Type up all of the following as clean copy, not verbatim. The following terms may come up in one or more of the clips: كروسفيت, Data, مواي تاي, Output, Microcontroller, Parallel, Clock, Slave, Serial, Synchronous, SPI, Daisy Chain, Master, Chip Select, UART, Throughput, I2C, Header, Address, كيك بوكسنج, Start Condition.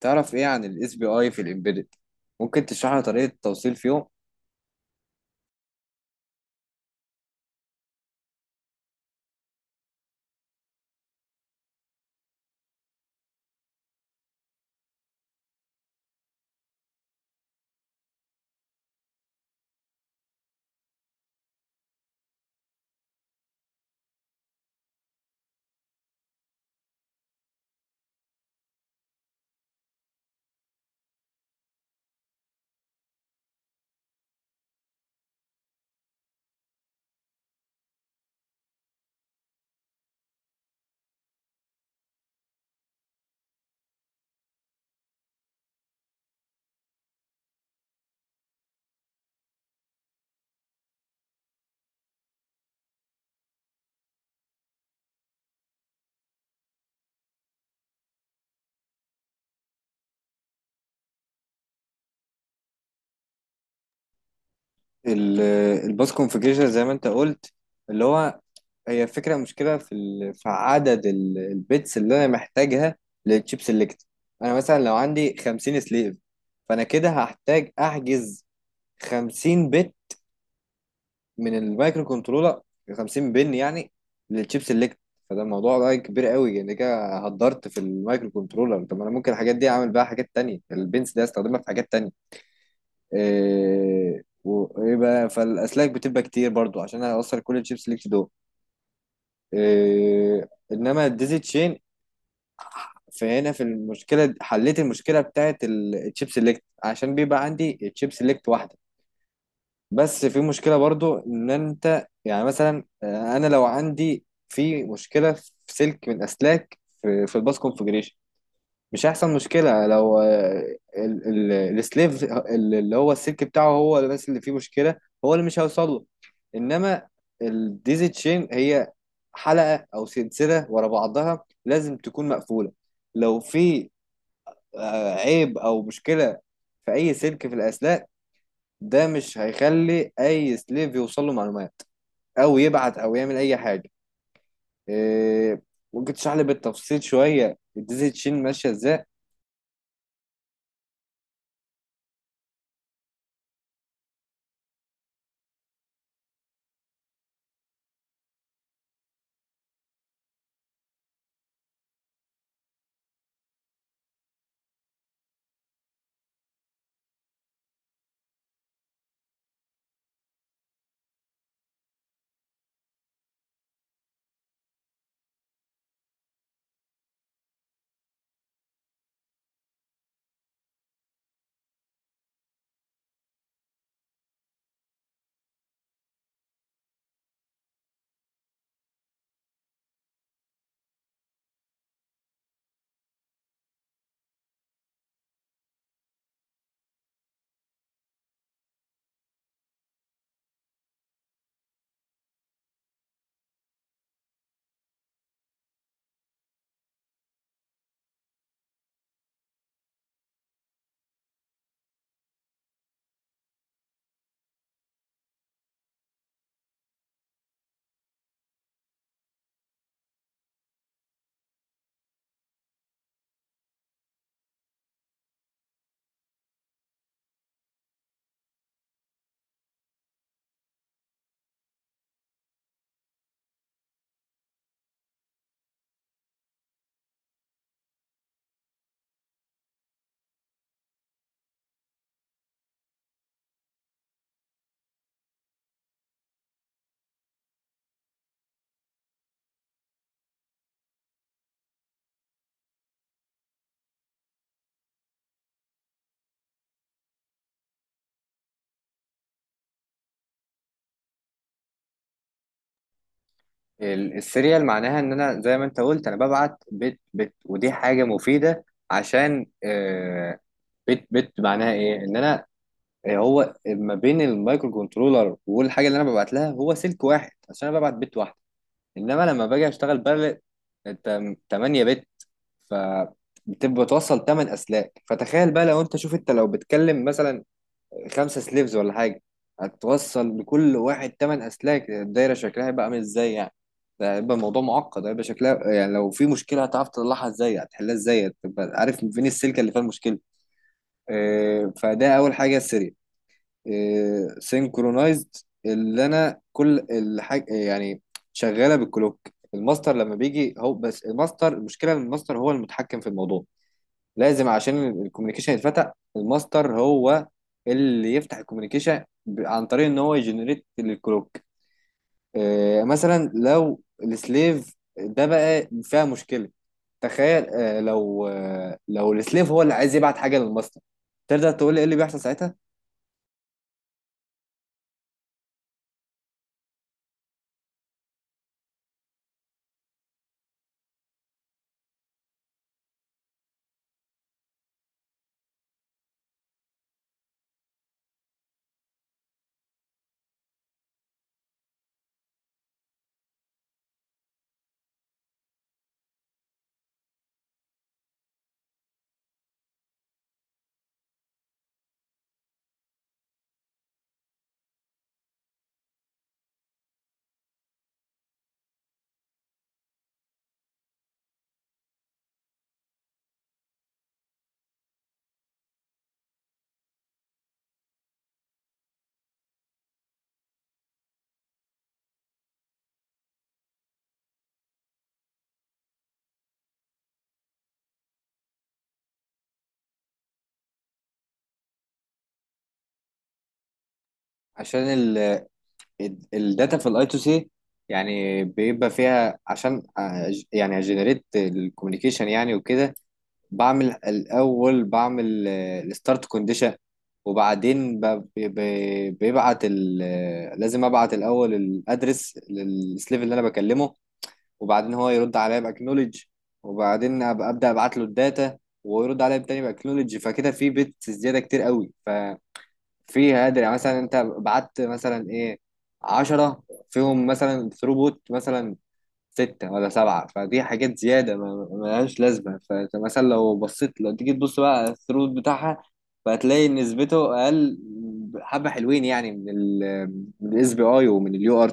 تعرف ايه عن الاس بي اي في الامبيدد؟ ممكن تشرح لنا طريقه التوصيل فيهم؟ الباس كونفيجريشن زي ما انت قلت، اللي هو هي فكره، مشكله في في عدد البيتس اللي انا محتاجها للتشيب سيلكت. انا مثلا لو عندي 50 سليف، فانا كده هحتاج احجز 50 بت من المايكرو كنترولر، 50 بن يعني للشيب سيلكت. فده الموضوع ده كبير قوي، يعني كده هدرت في المايكرو كنترولر. طب ما انا ممكن الحاجات دي اعمل بيها حاجات تانية، البنس ده استخدمها في حاجات تانية. إيه، ويبقى فالاسلاك بتبقى كتير برضو عشان هوصل كل الشيب سيلكت دول. إيه، انما الديزي تشين، فهنا في المشكله حليت المشكله بتاعت الشيب سيلكت عشان بيبقى عندي الشيب سيلكت واحده. بس في مشكلة برضو، ان انت يعني مثلا، انا لو عندي في مشكلة في سلك من اسلاك في الباس كونفجريشن، مش هيحصل مشكلة. لو ال- ال- السليف اللي هو السلك بتاعه هو اللي بس اللي فيه مشكلة، هو اللي مش هيوصل له. انما الديزي تشين هي حلقة او سلسلة ورا بعضها، لازم تكون مقفولة. لو في عيب او مشكلة في اي سلك في الاسلاك، ده مش هيخلي اي سليف يوصل له معلومات او يبعت او يعمل اي حاجه. إيه، ممكن تشرح لي بالتفصيل شويه الديزل تشين ماشيه ازاي؟ السيريال معناها ان انا زي ما انت قلت انا ببعت بت بت، ودي حاجه مفيده. عشان إيه؟ بت بت معناها ايه؟ ان انا إيه، هو ما بين المايكرو كنترولر والحاجه اللي انا ببعت لها هو سلك واحد عشان انا ببعت بت واحده. انما لما باجي اشتغل بارل 8 بت، ف بتبقى توصل 8 اسلاك. فتخيل بقى لو انت، شوف انت لو بتكلم مثلا 5 سليفز ولا حاجة، هتوصل لكل واحد 8 أسلاك، الدايرة شكلها هيبقى عامل ازاي يعني؟ ده هيبقى الموضوع معقد، هيبقى شكلها يعني لو في مشكلة هتعرف تطلعها ازاي؟ هتحلها ازاي؟ هتبقى عارف فين السلكة اللي فيها المشكلة؟ فده أول حاجة، السريع. سينكرونايزد، اللي أنا كل الحاجة يعني شغالة بالكلوك. الماستر لما بيجي هو بس الماستر، المشكلة ان الماستر هو المتحكم في الموضوع. لازم عشان الكوميونيكيشن يتفتح الماستر هو اللي يفتح الكوميونيكيشن، عن طريق ان هو يجنريت الكلوك. آه مثلا لو السليف ده بقى فيها مشكله، تخيل لو السليف هو اللي عايز يبعت حاجه للماستر، تقدر تقول لي ايه اللي بيحصل ساعتها؟ عشان الداتا في الاي تو سي يعني بيبقى فيها، عشان يعني اجنريت الكوميونيكيشن يعني وكده. بعمل الأول بعمل الستارت كونديشن، وبعدين بيبعت لازم أبعت الأول الأدرس للسليف اللي أنا بكلمه، وبعدين هو يرد عليا بأكنولج، وبعدين أبدأ أبعت له الداتا، ويرد عليا تاني بأكنولج. فكده في بيتس زيادة كتير قوي، ففي هادر. يعني مثلا أنت بعت مثلا إيه 10، فيهم مثلا ثروبوت مثلا ستة ولا سبعة، فدي حاجات زيادة ما ملهاش لازمة. فأنت مثلا لو بصيت، لو تيجي تبص بقى على الثروت بتاعها، فهتلاقي نسبته أقل حبة، حلوين يعني من من الاس بي اي ومن اليو ار.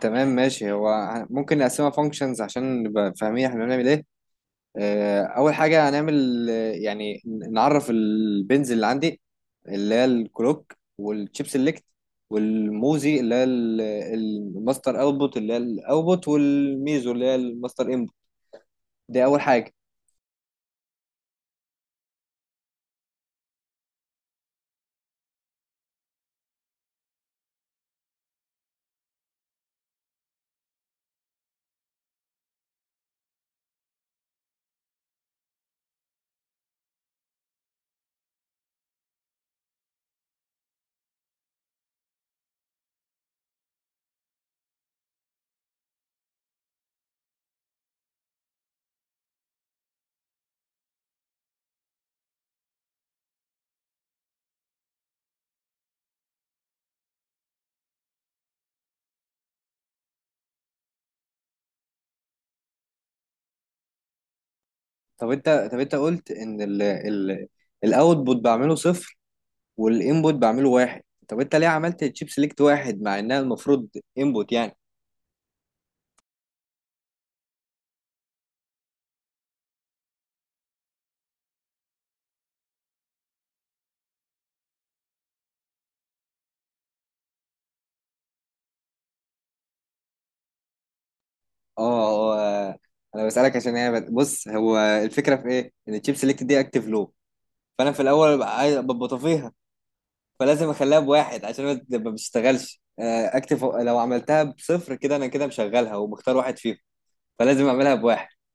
تمام ماشي، هو ممكن نقسمها فانكشنز عشان نبقى فاهمين احنا بنعمل ايه. اول حاجه هنعمل، يعني نعرف البنز اللي عندي، اللي هي الكلوك والشيب سيلكت والموزي اللي هي الماستر اوتبوت اللي هي الاوتبوت، والميزو اللي هي الماستر انبوت. دي اول حاجه. طب انت قلت ان ال الاوتبوت بعمله صفر والانبوت بعمله واحد، طب انت ليه عملت الشيب سيلكت واحد مع انها المفروض انبوت يعني؟ اه. آه، آه، انا بسالك عشان هي، بص هو الفكره في ايه، ان الشيب سيلكت دي اكتف لو. فانا في الاول ببقى ببقى طفيها، فلازم اخليها بواحد عشان ما بتشتغلش. اكتب، لو عملتها بصفر كده انا كده مشغلها ومختار واحد فيهم، فلازم اعملها بواحد.